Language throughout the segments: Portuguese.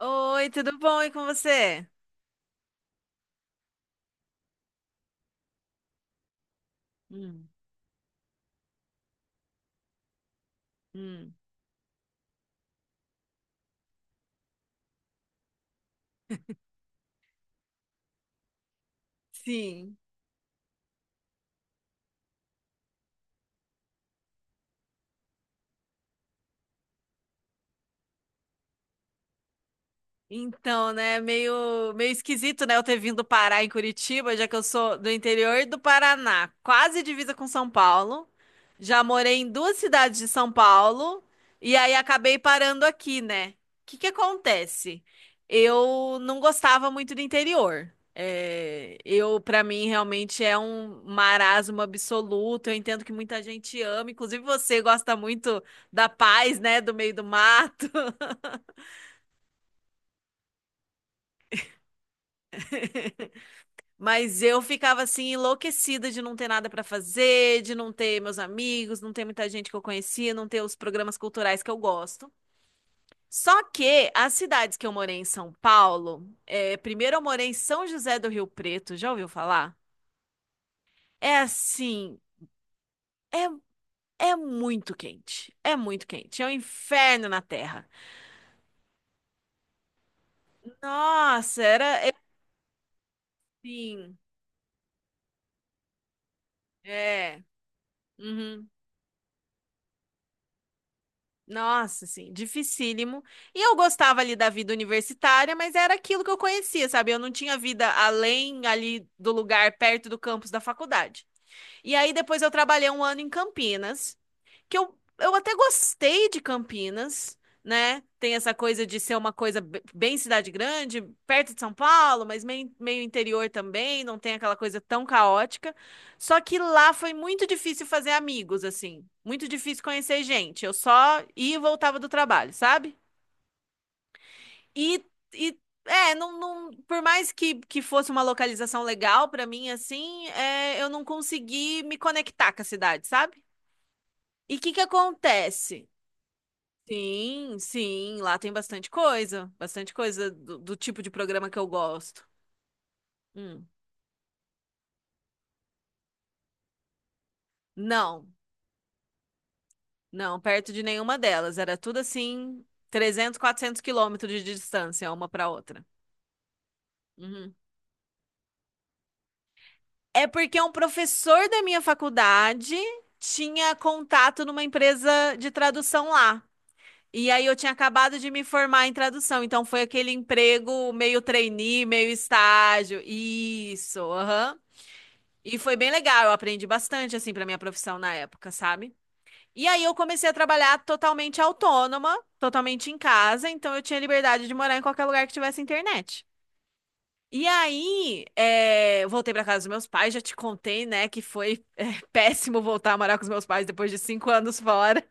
Oi, tudo bom? E com você? Hum, hum. Sim. Então, né, meio, meio esquisito, né, eu ter vindo parar em Curitiba, já que eu sou do interior do Paraná, quase divisa com São Paulo. Já morei em duas cidades de São Paulo e aí acabei parando aqui, né? O que que acontece? Eu não gostava muito do interior. É, eu, para mim, realmente é um marasmo absoluto. Eu entendo que muita gente ama, inclusive você gosta muito da paz, né, do meio do mato. Mas eu ficava assim enlouquecida de não ter nada pra fazer, de não ter meus amigos, não ter muita gente que eu conhecia, não ter os programas culturais que eu gosto. Só que as cidades que eu morei em São Paulo, é, primeiro eu morei em São José do Rio Preto, já ouviu falar? É assim, é, é muito quente, é muito quente, é um inferno na terra. Nossa, era é assim, é. Uhum. Nossa, assim, dificílimo. E eu gostava ali da vida universitária, mas era aquilo que eu conhecia, sabe? Eu não tinha vida além ali do lugar perto do campus da faculdade. E aí depois eu trabalhei um ano em Campinas que eu até gostei de Campinas, né? Tem essa coisa de ser uma coisa bem cidade grande, perto de São Paulo, mas meio, meio interior também, não tem aquela coisa tão caótica. Só que lá foi muito difícil fazer amigos, assim. Muito difícil conhecer gente. Eu só ia e voltava do trabalho, sabe? E, e é, não, não, por mais que fosse uma localização legal pra mim, assim, é, eu não consegui me conectar com a cidade, sabe? E o que que acontece? Sim, sim, lá tem bastante coisa do tipo de programa que eu gosto. Hum. Não, não, perto de nenhuma delas, era tudo assim, 300 400 quilômetros de distância uma para outra. Uhum. É porque um professor da minha faculdade tinha contato numa empresa de tradução lá. E aí eu tinha acabado de me formar em tradução, então foi aquele emprego meio trainee, meio estágio. Isso, aham. E foi bem legal, eu aprendi bastante assim para minha profissão na época, sabe? E aí eu comecei a trabalhar totalmente autônoma, totalmente em casa, então eu tinha liberdade de morar em qualquer lugar que tivesse internet. E aí, voltei para casa dos meus pais, já te contei, né, que foi péssimo voltar a morar com os meus pais depois de cinco anos fora.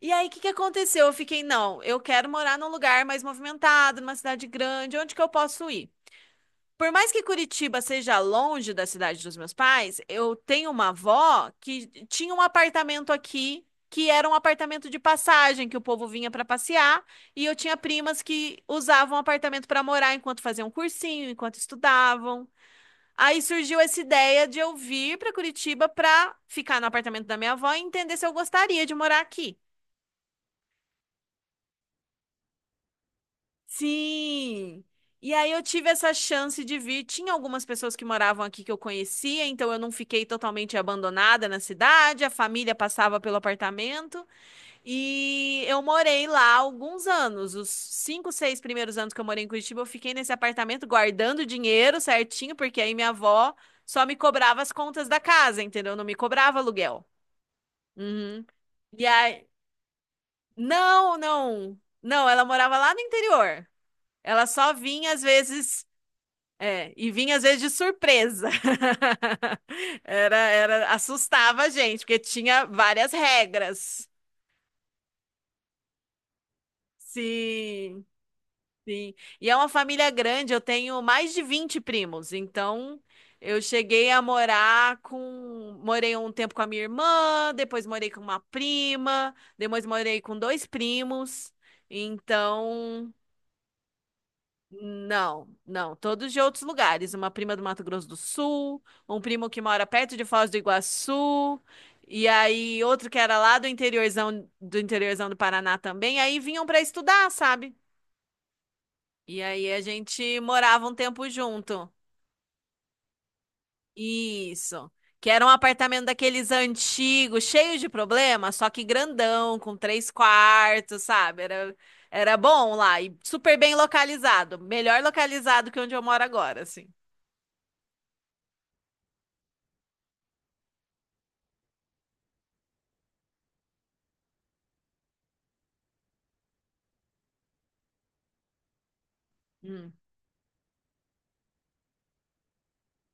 E aí, o que que aconteceu? Eu fiquei, não, eu quero morar num lugar mais movimentado, numa cidade grande, onde que eu posso ir? Por mais que Curitiba seja longe da cidade dos meus pais, eu tenho uma avó que tinha um apartamento aqui, que era um apartamento de passagem, que o povo vinha para passear, e eu tinha primas que usavam o apartamento para morar enquanto faziam cursinho, enquanto estudavam. Aí surgiu essa ideia de eu vir para Curitiba para ficar no apartamento da minha avó e entender se eu gostaria de morar aqui. Sim! E aí eu tive essa chance de vir. Tinha algumas pessoas que moravam aqui que eu conhecia, então eu não fiquei totalmente abandonada na cidade. A família passava pelo apartamento e eu morei lá alguns anos. Os cinco, seis primeiros anos que eu morei em Curitiba, eu fiquei nesse apartamento guardando dinheiro certinho, porque aí minha avó só me cobrava as contas da casa, entendeu? Não me cobrava aluguel. Uhum. E aí, não, não, não, ela morava lá no interior. Ela só vinha às vezes, e vinha às vezes de surpresa. Assustava a gente, porque tinha várias regras. Sim, sim. E é uma família grande, eu tenho mais de 20 primos, então eu cheguei a morar com, morei um tempo com a minha irmã, depois morei com uma prima, depois morei com dois primos. Então, não, não, todos de outros lugares. Uma prima do Mato Grosso do Sul, um primo que mora perto de Foz do Iguaçu, e aí outro que era lá do interiorzão do interiorzão do Paraná também. Aí vinham para estudar, sabe? E aí a gente morava um tempo junto. Isso. Que era um apartamento daqueles antigos, cheio de problema, só que grandão, com três quartos, sabe? Era bom lá e super bem localizado. Melhor localizado que onde eu moro agora, assim.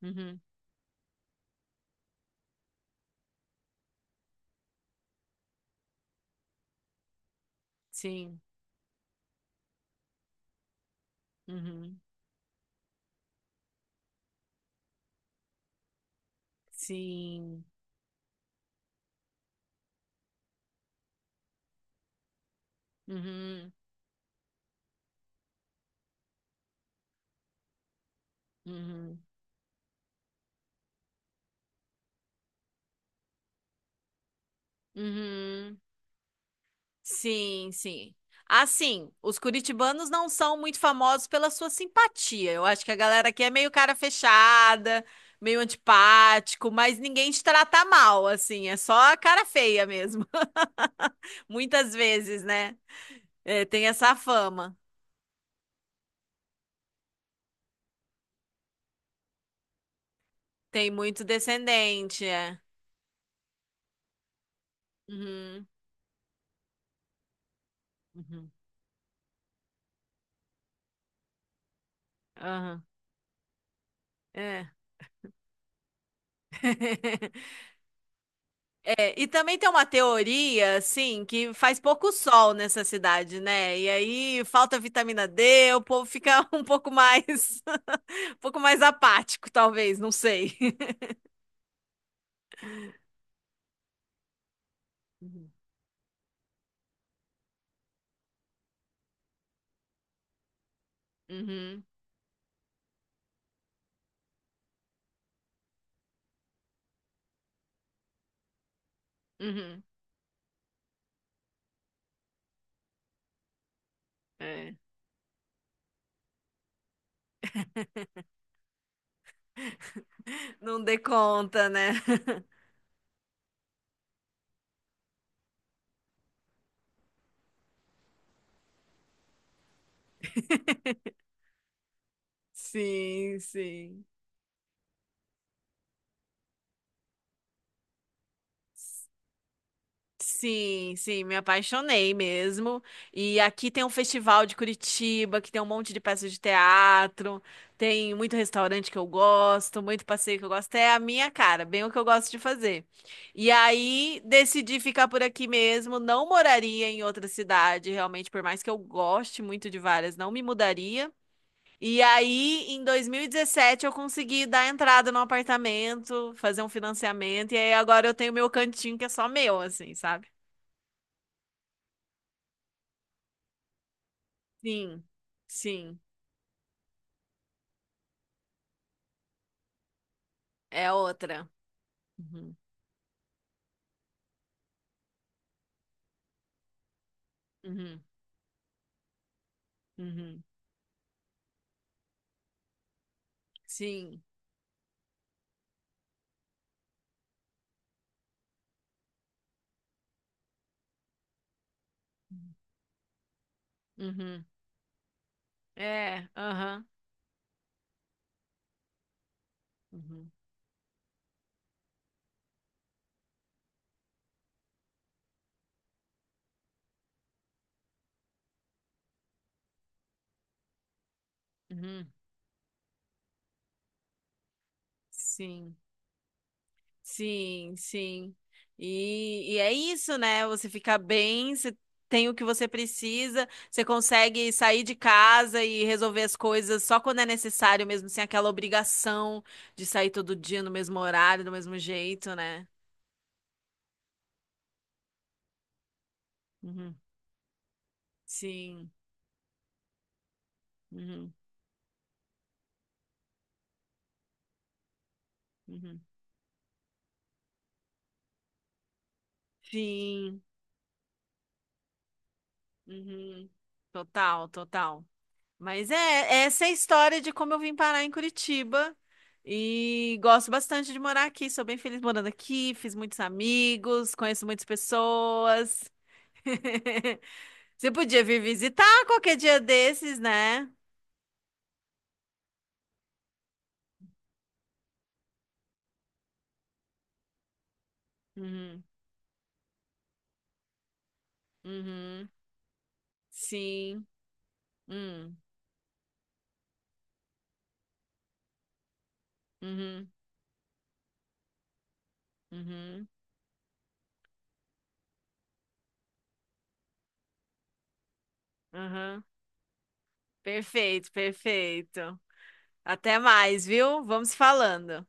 Uhum. Sim. Uhum. Sim. Uhum. Uhum. Uhum. Sim, sim. Assim, os curitibanos não são muito famosos pela sua simpatia. Eu acho que a galera aqui é meio cara fechada, meio antipático, mas ninguém te trata mal, assim. É só a cara feia mesmo. Muitas vezes, né? É, tem essa fama. Tem muito descendente, é. Uhum. Uhum. Aham. É. É, e também tem uma teoria, assim, que faz pouco sol nessa cidade, né? E aí falta vitamina D, o povo fica um pouco mais, um pouco mais apático, talvez, não sei. Uhum, uhum, uhum, é. Não dê conta, né? Sim, sim. Sim, sim, me apaixonei mesmo. E aqui tem um festival de Curitiba, que tem um monte de peças de teatro, tem muito restaurante que eu gosto, muito passeio que eu gosto. É a minha cara, bem o que eu gosto de fazer. E aí decidi ficar por aqui mesmo, não moraria em outra cidade, realmente, por mais que eu goste muito de várias, não me mudaria. E aí, em 2017, eu consegui dar entrada no apartamento, fazer um financiamento, e aí agora eu tenho meu cantinho que é só meu, assim, sabe? Sim, sim, é outra. Uhum, uhum, uhum, sim, uhum, é, aham, uhum, uhum, sim, sim, sim. E é isso, né? Você fica bem, você tem o que você precisa, você consegue sair de casa e resolver as coisas só quando é necessário mesmo, sem aquela obrigação de sair todo dia no mesmo horário, do mesmo jeito, né? Uhum, sim, uhum, uhum. Sim. Uhum. Total, total. Mas é essa é a história de como eu vim parar em Curitiba. E gosto bastante de morar aqui. Sou bem feliz morando aqui. Fiz muitos amigos, conheço muitas pessoas. Você podia vir visitar qualquer dia desses, né? Uhum, uhum, sim. Hum, uhum, uhum, uhum. Perfeito, perfeito. Até mais, viu? Vamos falando.